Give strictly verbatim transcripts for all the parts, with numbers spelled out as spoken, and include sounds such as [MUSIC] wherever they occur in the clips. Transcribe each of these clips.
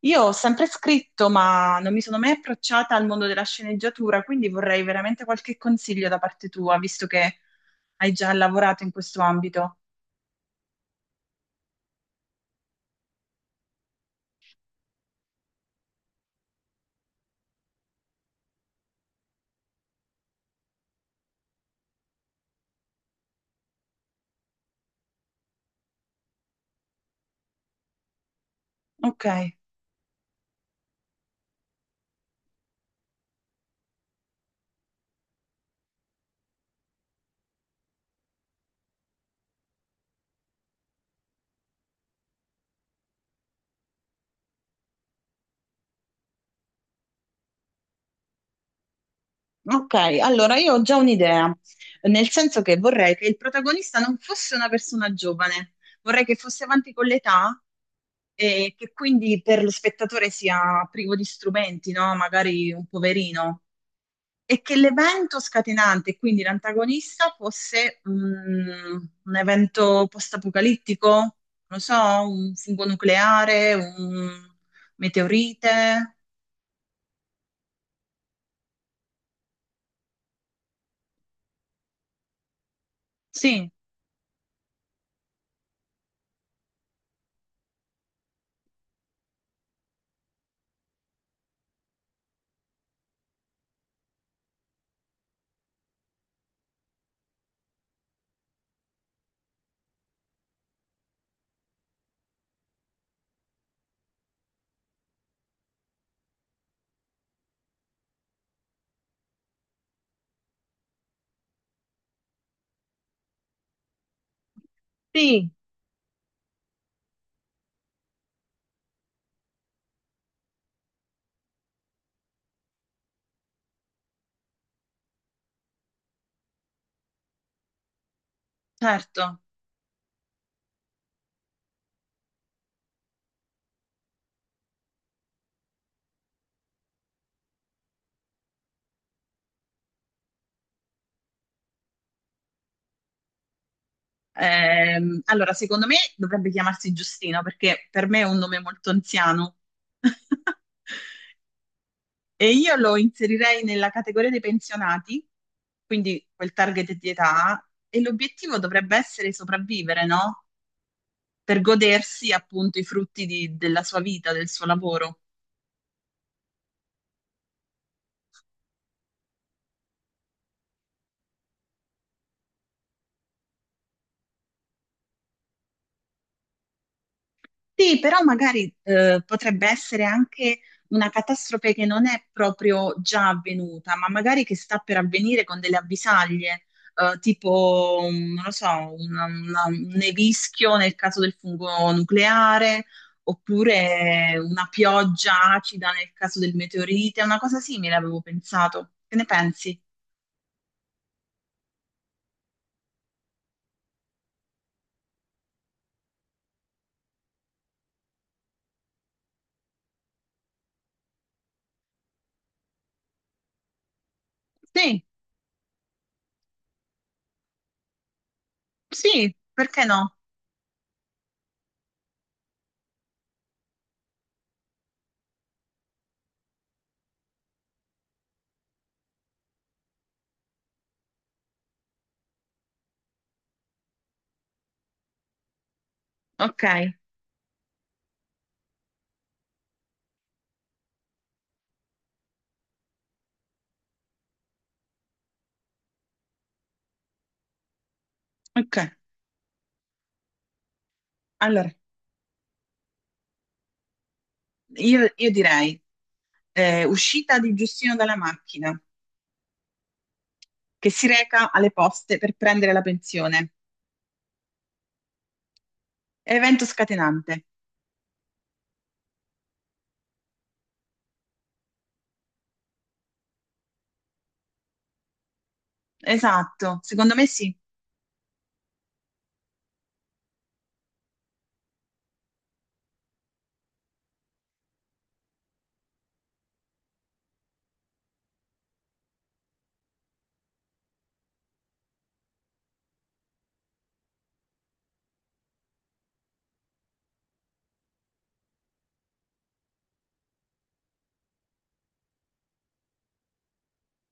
Io ho sempre scritto, ma non mi sono mai approcciata al mondo della sceneggiatura, quindi vorrei veramente qualche consiglio da parte tua, visto che hai già lavorato in questo ambito. Ok, ok, allora io ho già un'idea, nel senso che vorrei che il protagonista non fosse una persona giovane, vorrei che fosse avanti con l'età e che quindi per lo spettatore sia privo di strumenti, no? Magari un poverino. E che l'evento scatenante, quindi l'antagonista, fosse mm, un evento post-apocalittico, non lo so, un fungo nucleare, un meteorite. Sì. Sì, certo. Ehm, allora, secondo me dovrebbe chiamarsi Giustino perché per me è un nome molto anziano. [LAUGHS] E io lo inserirei nella categoria dei pensionati, quindi quel target di età, e l'obiettivo dovrebbe essere sopravvivere, no? Per godersi appunto i frutti di- della sua vita, del suo lavoro. Sì, però magari eh, potrebbe essere anche una catastrofe che non è proprio già avvenuta, ma magari che sta per avvenire con delle avvisaglie, eh, tipo, un- non lo so, una- una- un nevischio nel caso del fungo nucleare, oppure una pioggia acida nel caso del meteorite, una cosa simile avevo pensato. Che ne pensi? Sì, sì, perché no? Ok, ok. Allora, io, io direi eh, uscita di Giustino dalla macchina, che si reca alle poste per prendere la pensione. Evento scatenante. Esatto, secondo me sì.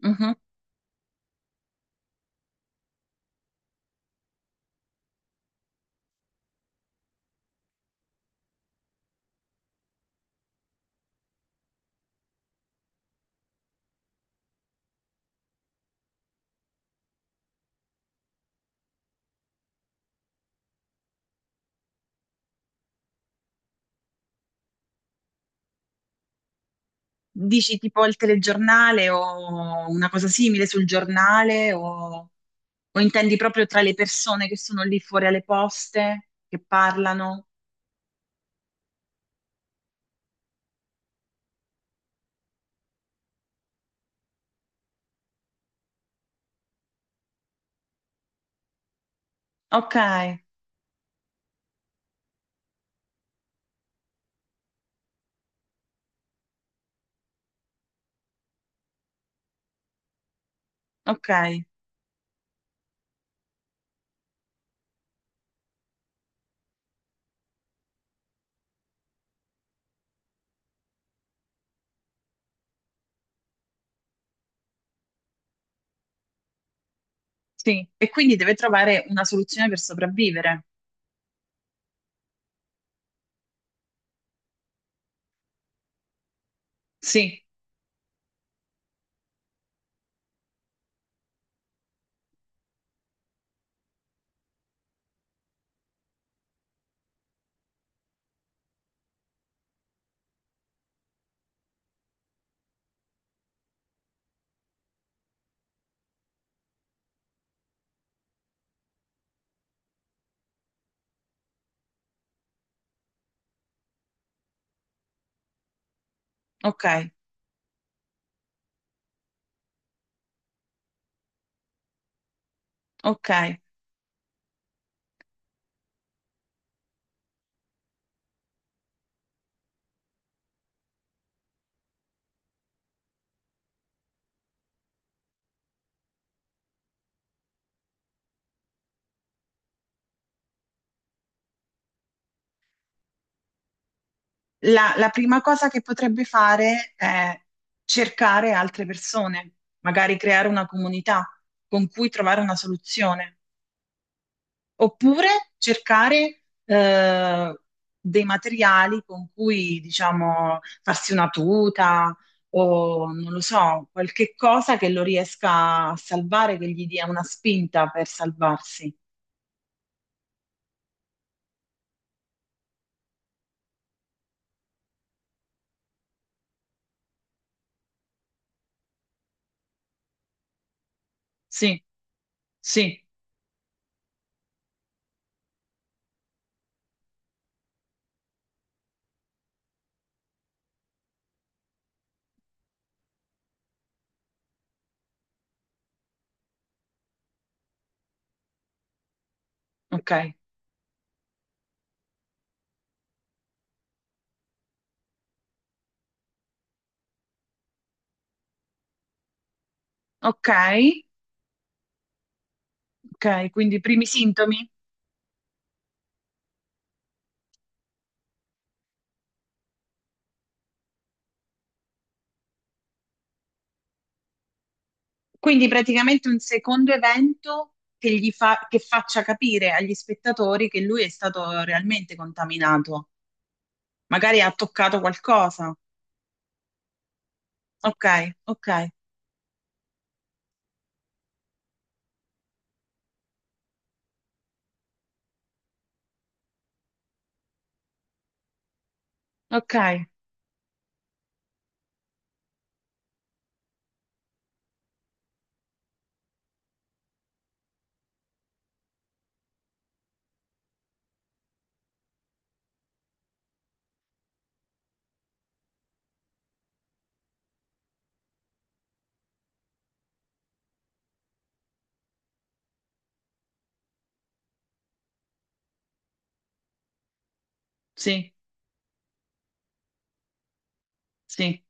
Mhm. Dici tipo il telegiornale o una cosa simile sul giornale, o, o intendi proprio tra le persone che sono lì fuori alle poste, che parlano? Ok, ok, sì. E quindi deve trovare una soluzione per sopravvivere. Sì, ok, ok. la, la prima cosa che potrebbe fare è cercare altre persone, magari creare una comunità con cui trovare una soluzione, oppure cercare eh, dei materiali con cui, diciamo, farsi una tuta o non lo so, qualche cosa che lo riesca a salvare, che gli dia una spinta per salvarsi. Sì, sì, ok. Ok, ok, quindi i primi sintomi? Quindi praticamente un secondo evento che gli fa, che faccia capire agli spettatori che lui è stato realmente contaminato. Magari ha toccato qualcosa. Ok, ok, ok. Sì, sì.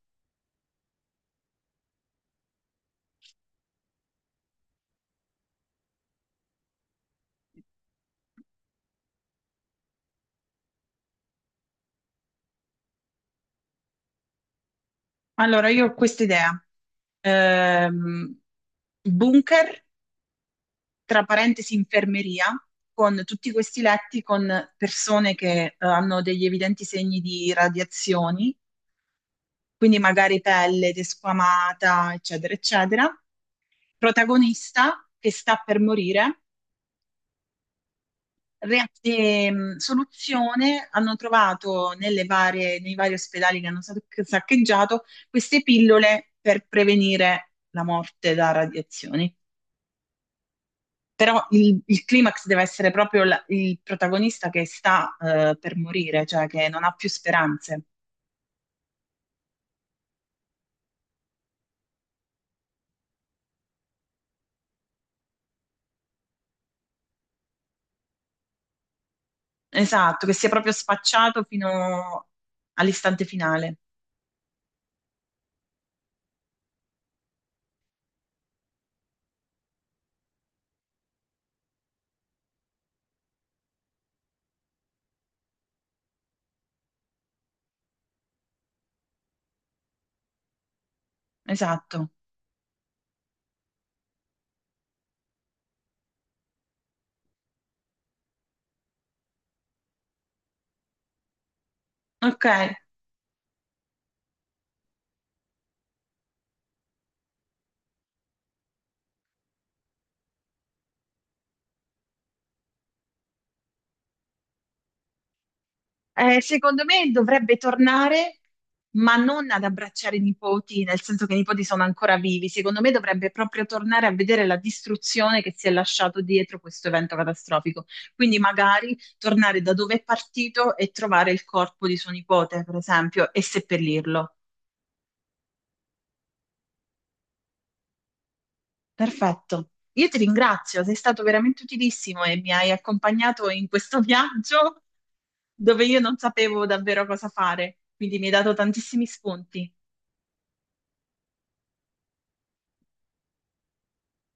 Allora io ho questa idea. Ehm, Bunker, tra parentesi infermeria, con tutti questi letti con persone che eh, hanno degli evidenti segni di radiazioni, quindi magari pelle desquamata, eccetera, eccetera, protagonista che sta per morire, re- ehm, soluzione hanno trovato nelle varie- nei vari ospedali che hanno sac- saccheggiato queste pillole per prevenire la morte da radiazioni. Però il, il climax deve essere proprio la- il protagonista che sta eh, per morire, cioè che non ha più speranze. Esatto, che si è proprio spacciato fino all'istante finale. Esatto. Ok. Eh, secondo me dovrebbe tornare, ma non ad abbracciare i nipoti, nel senso che i nipoti sono ancora vivi. Secondo me dovrebbe proprio tornare a vedere la distruzione che si è lasciato dietro questo evento catastrofico. Quindi magari tornare da dove è partito e trovare il corpo di suo nipote, per esempio, e seppellirlo. Perfetto. Io ti ringrazio, sei stato veramente utilissimo e mi hai accompagnato in questo viaggio dove io non sapevo davvero cosa fare, quindi mi hai dato tantissimi spunti.